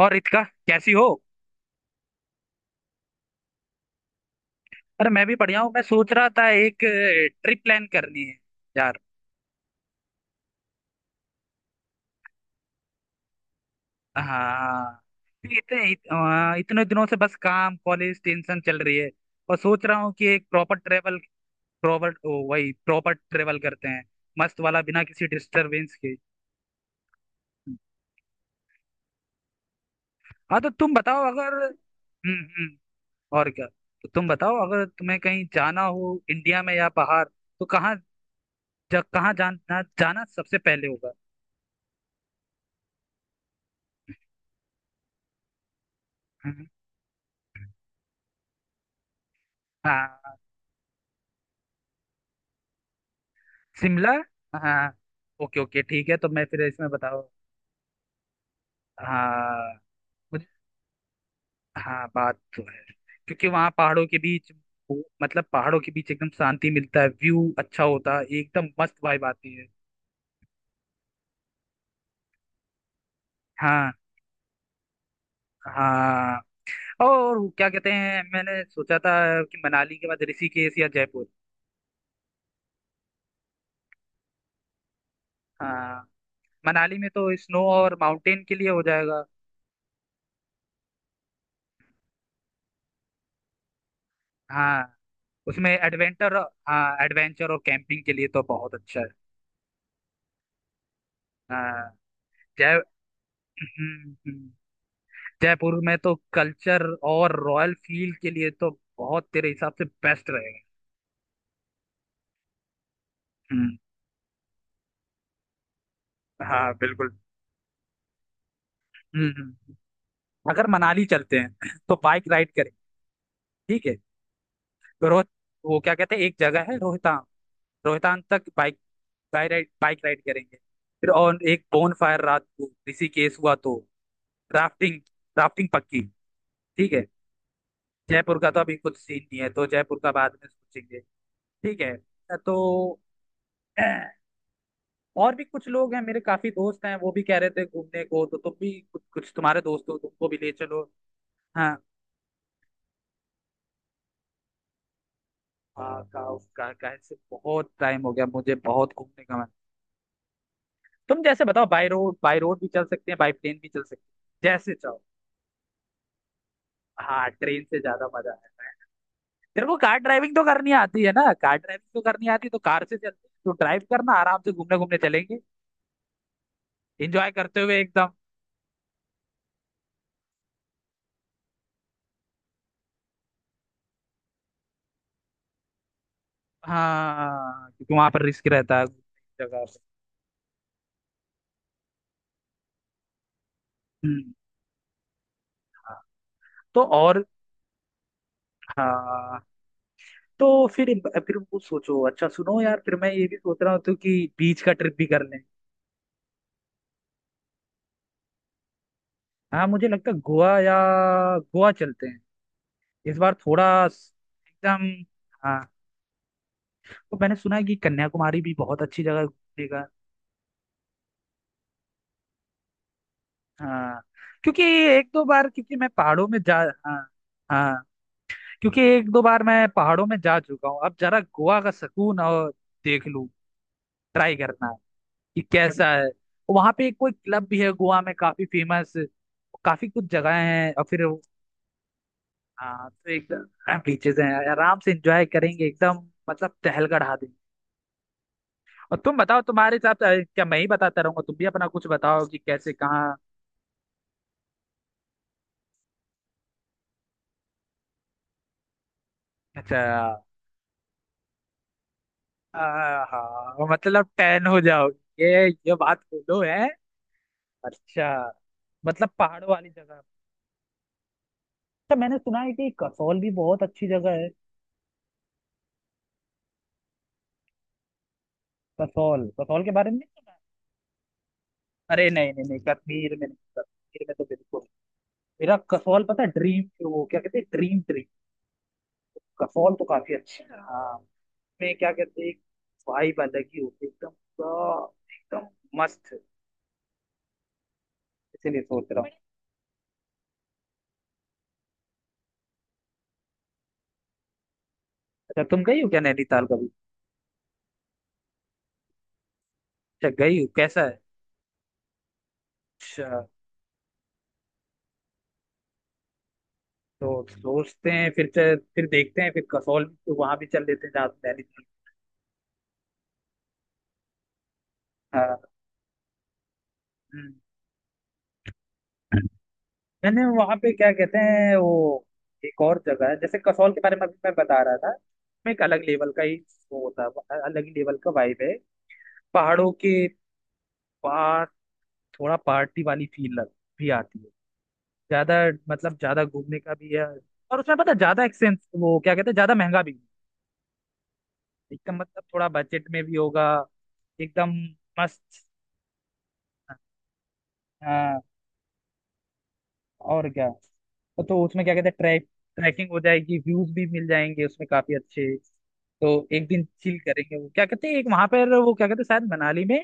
और रितिका, कैसी हो? अरे मैं भी बढ़िया हूँ। मैं सोच रहा था एक ट्रिप प्लान करनी है यार। हाँ। इतने दिनों से बस काम, कॉलेज, टेंशन चल रही है, और सोच रहा हूँ कि एक प्रॉपर ट्रेवल, वही प्रॉपर ट्रेवल करते हैं, मस्त वाला, बिना किसी डिस्टरबेंस के। हाँ, तो तुम बताओ अगर। हम्म, हम्म। और क्या। तो तुम बताओ, अगर तुम्हें कहीं जाना हो इंडिया में या बाहर, तो कहाँ? कहाँ जाना जाना सबसे पहले होगा। हम्म। हाँ। शिमला। हाँ। ओके, ओके, ठीक है, तो मैं फिर इसमें बताओ। हाँ। मुझे, हाँ बात तो है, क्योंकि वहाँ पहाड़ों के बीच, मतलब पहाड़ों के बीच एकदम शांति मिलता है, व्यू अच्छा होता है, एकदम मस्त वाइब आती है। हाँ। हाँ, और क्या कहते हैं, मैंने सोचा था कि मनाली के बाद ऋषिकेश या जयपुर। हाँ, मनाली में तो स्नो और माउंटेन के लिए हो जाएगा। हाँ, उसमें एडवेंचर। हाँ, एडवेंचर और कैंपिंग के लिए तो बहुत अच्छा है। हाँ। जय, हम्म, हम्म। जयपुर में तो कल्चर और रॉयल फील के लिए तो बहुत, तेरे हिसाब से बेस्ट रहेगा। हम्म। हाँ बिल्कुल। हम्म, अगर मनाली चलते हैं तो बाइक राइड करें, ठीक है, तो रोह वो क्या कहते हैं, एक जगह है रोहतांग, रोहतांग तक बाइक, बाइक राइड करेंगे, फिर और एक बोन फायर रात को। ऋषिकेश हुआ तो राफ्टिंग, राफ्टिंग पक्की, ठीक है। जयपुर का तो अभी कुछ सीन नहीं है, तो जयपुर का बाद में सोचेंगे, ठीक है। तो और भी कुछ लोग हैं, मेरे काफी दोस्त हैं, वो भी कह रहे थे घूमने को, तो तुम भी कुछ, तुम्हारे दोस्त हो तुमको भी ले चलो। हाँ। हाँ, से बहुत टाइम हो गया, मुझे बहुत घूमने का मन। तुम जैसे बताओ, बाय रोड, भी चल सकते हैं, बाय प्लेन भी चल सकते हैं, जैसे चाहो। हाँ, ट्रेन से ज्यादा मजा आता है। तेरे को कार ड्राइविंग तो करनी आती है ना, कार ड्राइविंग तो करनी आती है तो कार से चलते हैं। तो ड्राइव करना, आराम से घूमने घूमने चलेंगे, एंजॉय करते हुए एकदम। हाँ, क्योंकि वहां पर रिस्क रहता है घूमने की जगह पे। हम्म। हाँ। तो और, हाँ, तो फिर वो सोचो, अच्छा सुनो यार, फिर मैं ये भी सोच रहा हूँ तो कि बीच का ट्रिप भी कर लें। हाँ, मुझे लगता है गोवा, या गोवा चलते हैं इस बार, थोड़ा एकदम। हाँ, तो मैंने सुना है कि कन्याकुमारी भी बहुत अच्छी जगह है घूमने का। हाँ, क्योंकि एक दो बार, क्योंकि मैं पहाड़ों में जा हाँ। हाँ, क्योंकि एक दो बार मैं पहाड़ों में जा चुका हूँ, अब जरा गोवा का सुकून और देख लूँ, ट्राई करना कि कैसा है। वहां पे एक कोई क्लब भी है गोवा में, काफी फेमस, काफी कुछ जगह हैं, और फिर, हाँ, तो एकदम बीचेस हैं, आराम से एंजॉय करेंगे एकदम, मतलब टहलगढ़ आ देंगे। और तुम बताओ, तुम्हारे हिसाब से क्या, मैं ही बताता रहूंगा, तुम भी अपना कुछ बताओ कि कैसे, कहाँ। अच्छा, हाँ मतलब टैन हो जाओगे, ये बात बोलो है। अच्छा, मतलब पहाड़ों वाली जगह। अच्छा, मैंने सुना है कि कसौल भी बहुत अच्छी जगह है, कसौल कसौल के बारे में नहीं। अरे नहीं नहीं नहीं, कश्मीर में नहीं, कश्मीर में तो बिल्कुल नहीं। मेरा कसौल, पता है, ड्रीम, वो क्या कहते हैं, ड्रीम ट्री, कसौल तो काफी अच्छा है हाँ, में क्या कहते हैं, वाइब अलग ही होती है, एकदम, पूरा- एकदम मस्त। इसीलिए सोच रहा हूँ। अच्छा, तुम गई हो क्या नैनीताल कभी? अच्छा, गई हो, कैसा है? अच्छा, तो सोचते हैं फिर देखते हैं, फिर कसौल तो वहां भी चल लेते हैं, जहाँ नैनीताल। हाँ। हम्म। मैंने वहां पे क्या कहते हैं वो, एक और जगह है जैसे कसौल के बारे में अभी मैं बता रहा था, उसमें एक अलग लेवल का ही वो होता है, अलग ही लेवल का वाइब है, पहाड़ों के पास, थोड़ा पार्टी वाली फील लग भी आती है ज्यादा, मतलब ज्यादा घूमने का भी है, और उसमें पता है, ज्यादा एक्सपेंस, वो क्या कहते हैं, ज्यादा महंगा भी नहीं। एकदम मतलब थोड़ा बजट में भी होगा, एकदम मस्त। हाँ, और क्या, तो उसमें क्या कहते हैं, ट्रैकिंग हो जाएगी, व्यूज भी मिल जाएंगे उसमें काफी अच्छे। तो एक दिन चिल करेंगे, वो क्या कहते हैं, एक वहां पर, वो क्या कहते हैं, शायद मनाली में,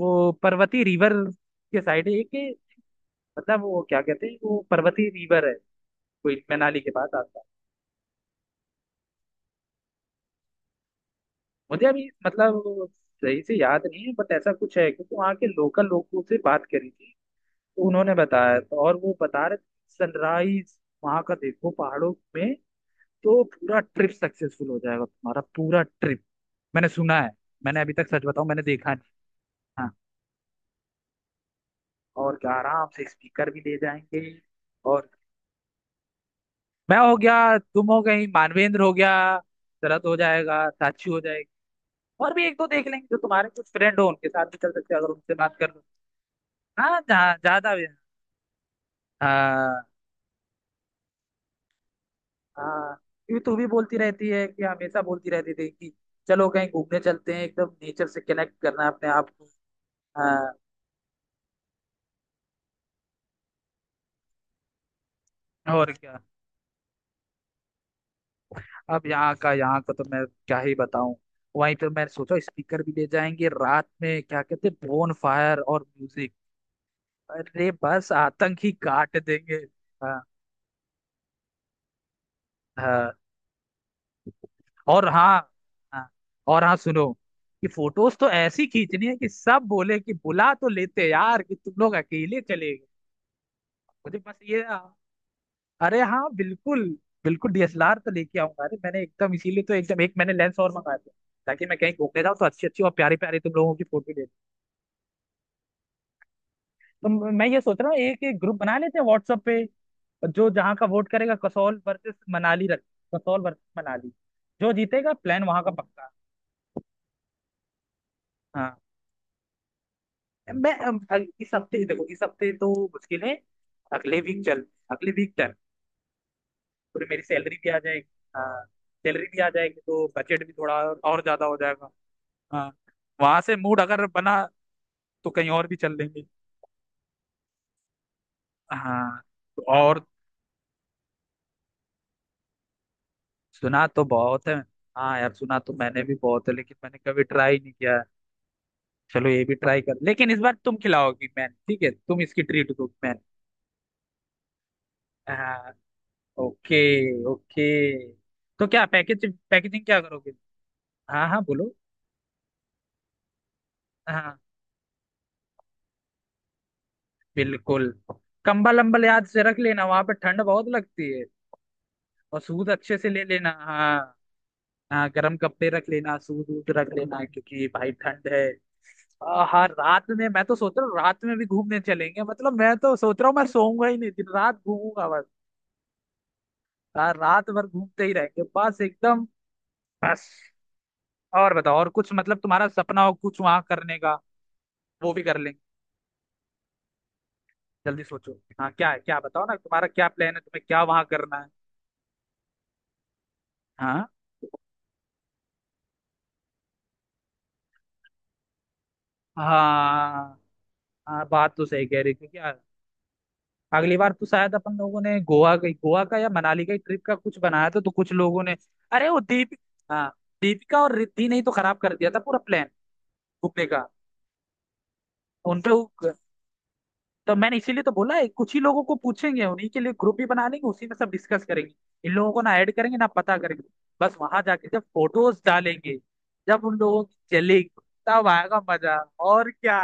वो पर्वती रिवर के साइड है एक, मतलब वो क्या कहते हैं, वो पर्वती रिवर है, कोई मनाली के पास आता। मुझे अभी मतलब सही से याद नहीं है, बट ऐसा कुछ है क्योंकि वहाँ के लोकल लोगों से बात करी थी, तो उन्होंने बताया, तो और वो बता रहे थे, सनराइज वहाँ का देखो पहाड़ों में, तो पूरा ट्रिप सक्सेसफुल हो जाएगा तुम्हारा, पूरा ट्रिप। मैंने सुना है, मैंने अभी तक, सच बताऊं, मैंने देखा नहीं। हाँ, और क्या, आराम से स्पीकर भी दे जाएंगे। और मैं हो गया, तुम हो गई, मानवेंद्र हो गया, शरद हो जाएगा, साक्षी हो जाएगी, और भी एक दो देख लेंगे, जो तुम्हारे कुछ फ्रेंड हो उनके साथ भी चल सकते हैं, अगर उनसे बात कर लो। हाँ, जहाँ ज्यादा भी, हाँ। हाँ, क्योंकि तू भी बोलती रहती है कि, हमेशा बोलती रहती थी कि चलो कहीं घूमने चलते हैं, एकदम नेचर से कनेक्ट करना है अपने आप को। हाँ, और क्या। अब यहाँ का तो मैं क्या ही बताऊं। वहीं पे मैंने सोचा स्पीकर भी ले जाएंगे, रात में क्या कहते हैं, बोन फायर और म्यूजिक। अरे बस आतंक ही काट देंगे। हाँ। हाँ, और हाँ, हाँ, और हाँ सुनो, कि फोटोज तो ऐसी खींचनी है कि सब बोले कि बुला तो लेते यार कि तुम लोग अकेले चले गए। मुझे बस ये, अरे हाँ बिल्कुल, बिल्कुल डीएसएलआर तो लेके आऊंगा, अरे मैंने एकदम इसीलिए तो एकदम एक मैंने लेंस और मंगाया था, ताकि मैं कहीं घूमने जाऊँ तो अच्छी अच्छी और प्यारी प्यारी तुम लोगों की फोटो। तो मैं ये सोच रहा हूँ, एक एक ग्रुप बना लेते हैं व्हाट्सएप पे, जो जहाँ का वोट करेगा, कसौल वर्सेस मनाली रख, कसौल वर्सेस मनाली, जो जीतेगा प्लान वहां का पक्का। हाँ, मैं इस हफ्ते, देखो इस हफ्ते तो मुश्किल है, अगले वीक चल, अगले वीक डन, फिर मेरी सैलरी भी आ जाएगी। हाँ, सैलरी भी आ जाएगी तो बजट भी थोड़ा और ज्यादा हो जाएगा। हाँ। वहां से मूड अगर बना तो कहीं और भी चल लेंगे। हाँ, तो और, सुना तो बहुत है। हाँ यार, सुना तो मैंने भी बहुत है, लेकिन मैंने कभी ट्राई नहीं किया। चलो ये भी ट्राई कर, लेकिन इस बार तुम खिलाओगी मैन, ठीक है, तुम इसकी ट्रीट दो मैन। हाँ। Okay, okay. तो क्या पैकेज, पैकेजिंग क्या करोगे? हाँ हाँ बोलो। हाँ बिल्कुल, कंबल अम्बल याद से रख लेना, वहां पे ठंड बहुत लगती है, और सूद अच्छे से ले लेना, हाँ, हाँ गर्म कपड़े रख लेना, सूद वूद रख लेना, क्योंकि भाई ठंड है। हाँ, रात में मैं तो सोच रहा हूँ रात में भी घूमने चलेंगे, मतलब मैं तो सोच रहा हूँ, मैं सोऊंगा ही नहीं, दिन रात घूमूंगा। यार रात भर घूमते ही रहेंगे, बस एकदम, बस। और बताओ, और कुछ मतलब तुम्हारा सपना हो कुछ वहां करने का, वो भी कर लेंगे, जल्दी सोचो, हाँ क्या है, क्या बताओ ना, तुम्हारा क्या प्लान है, तुम्हें क्या वहां करना है। हाँ। हाँ। हाँ, बात तो सही कह रही, क्योंकि यार, अगली बार तो शायद अपन लोगों ने गोवा का या मनाली का ट्रिप का कुछ बनाया था, तो कुछ लोगों ने, अरे वो दीप हाँ, दीपिका और रिद्धि ने ही तो खराब कर दिया था पूरा प्लान घूमने का। उनपे, तो मैंने इसीलिए तो बोला है कुछ ही लोगों को पूछेंगे, उन्हीं के लिए ग्रुप भी बना लेंगे, उसी में सब डिस्कस करेंगे, इन लोगों को ना ऐड करेंगे ना पता करेंगे। बस वहां जाके जब फोटोज डालेंगे, जब उन लोगों की चलेगी, तब आएगा मजा। और क्या,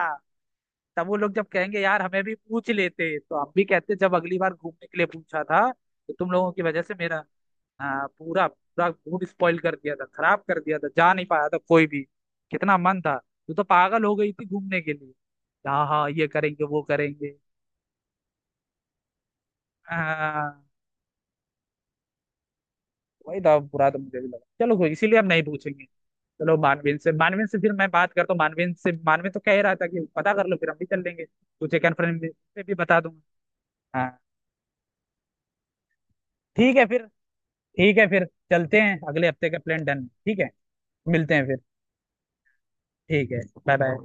तब वो लोग जब कहेंगे यार हमें भी पूछ लेते तो हम भी कहते, जब अगली बार घूमने के लिए पूछा था तो तुम लोगों की वजह से मेरा, हाँ, पूरा पूरा मूड स्पॉइल कर दिया था, खराब कर दिया था, जा नहीं पाया था कोई भी, कितना मन था, तू तो पागल हो गई थी घूमने के लिए, हाँ हाँ ये करेंगे वो करेंगे। हाँ, वही था, बुरा तो मुझे भी लगा, चलो कोई, इसीलिए हम नहीं पूछेंगे। चलो, मानवीन से फिर मैं बात करता हूँ, मानवीन से, मानवीन तो कह ही रहा था कि पता कर लो फिर हम भी चल लेंगे, तुझे कन्फर्म पे भी बता दूंगा। हाँ ठीक है फिर, ठीक है फिर, चलते हैं, अगले हफ्ते का प्लान डन, ठीक है, मिलते हैं फिर। ठीक है। Bye bye.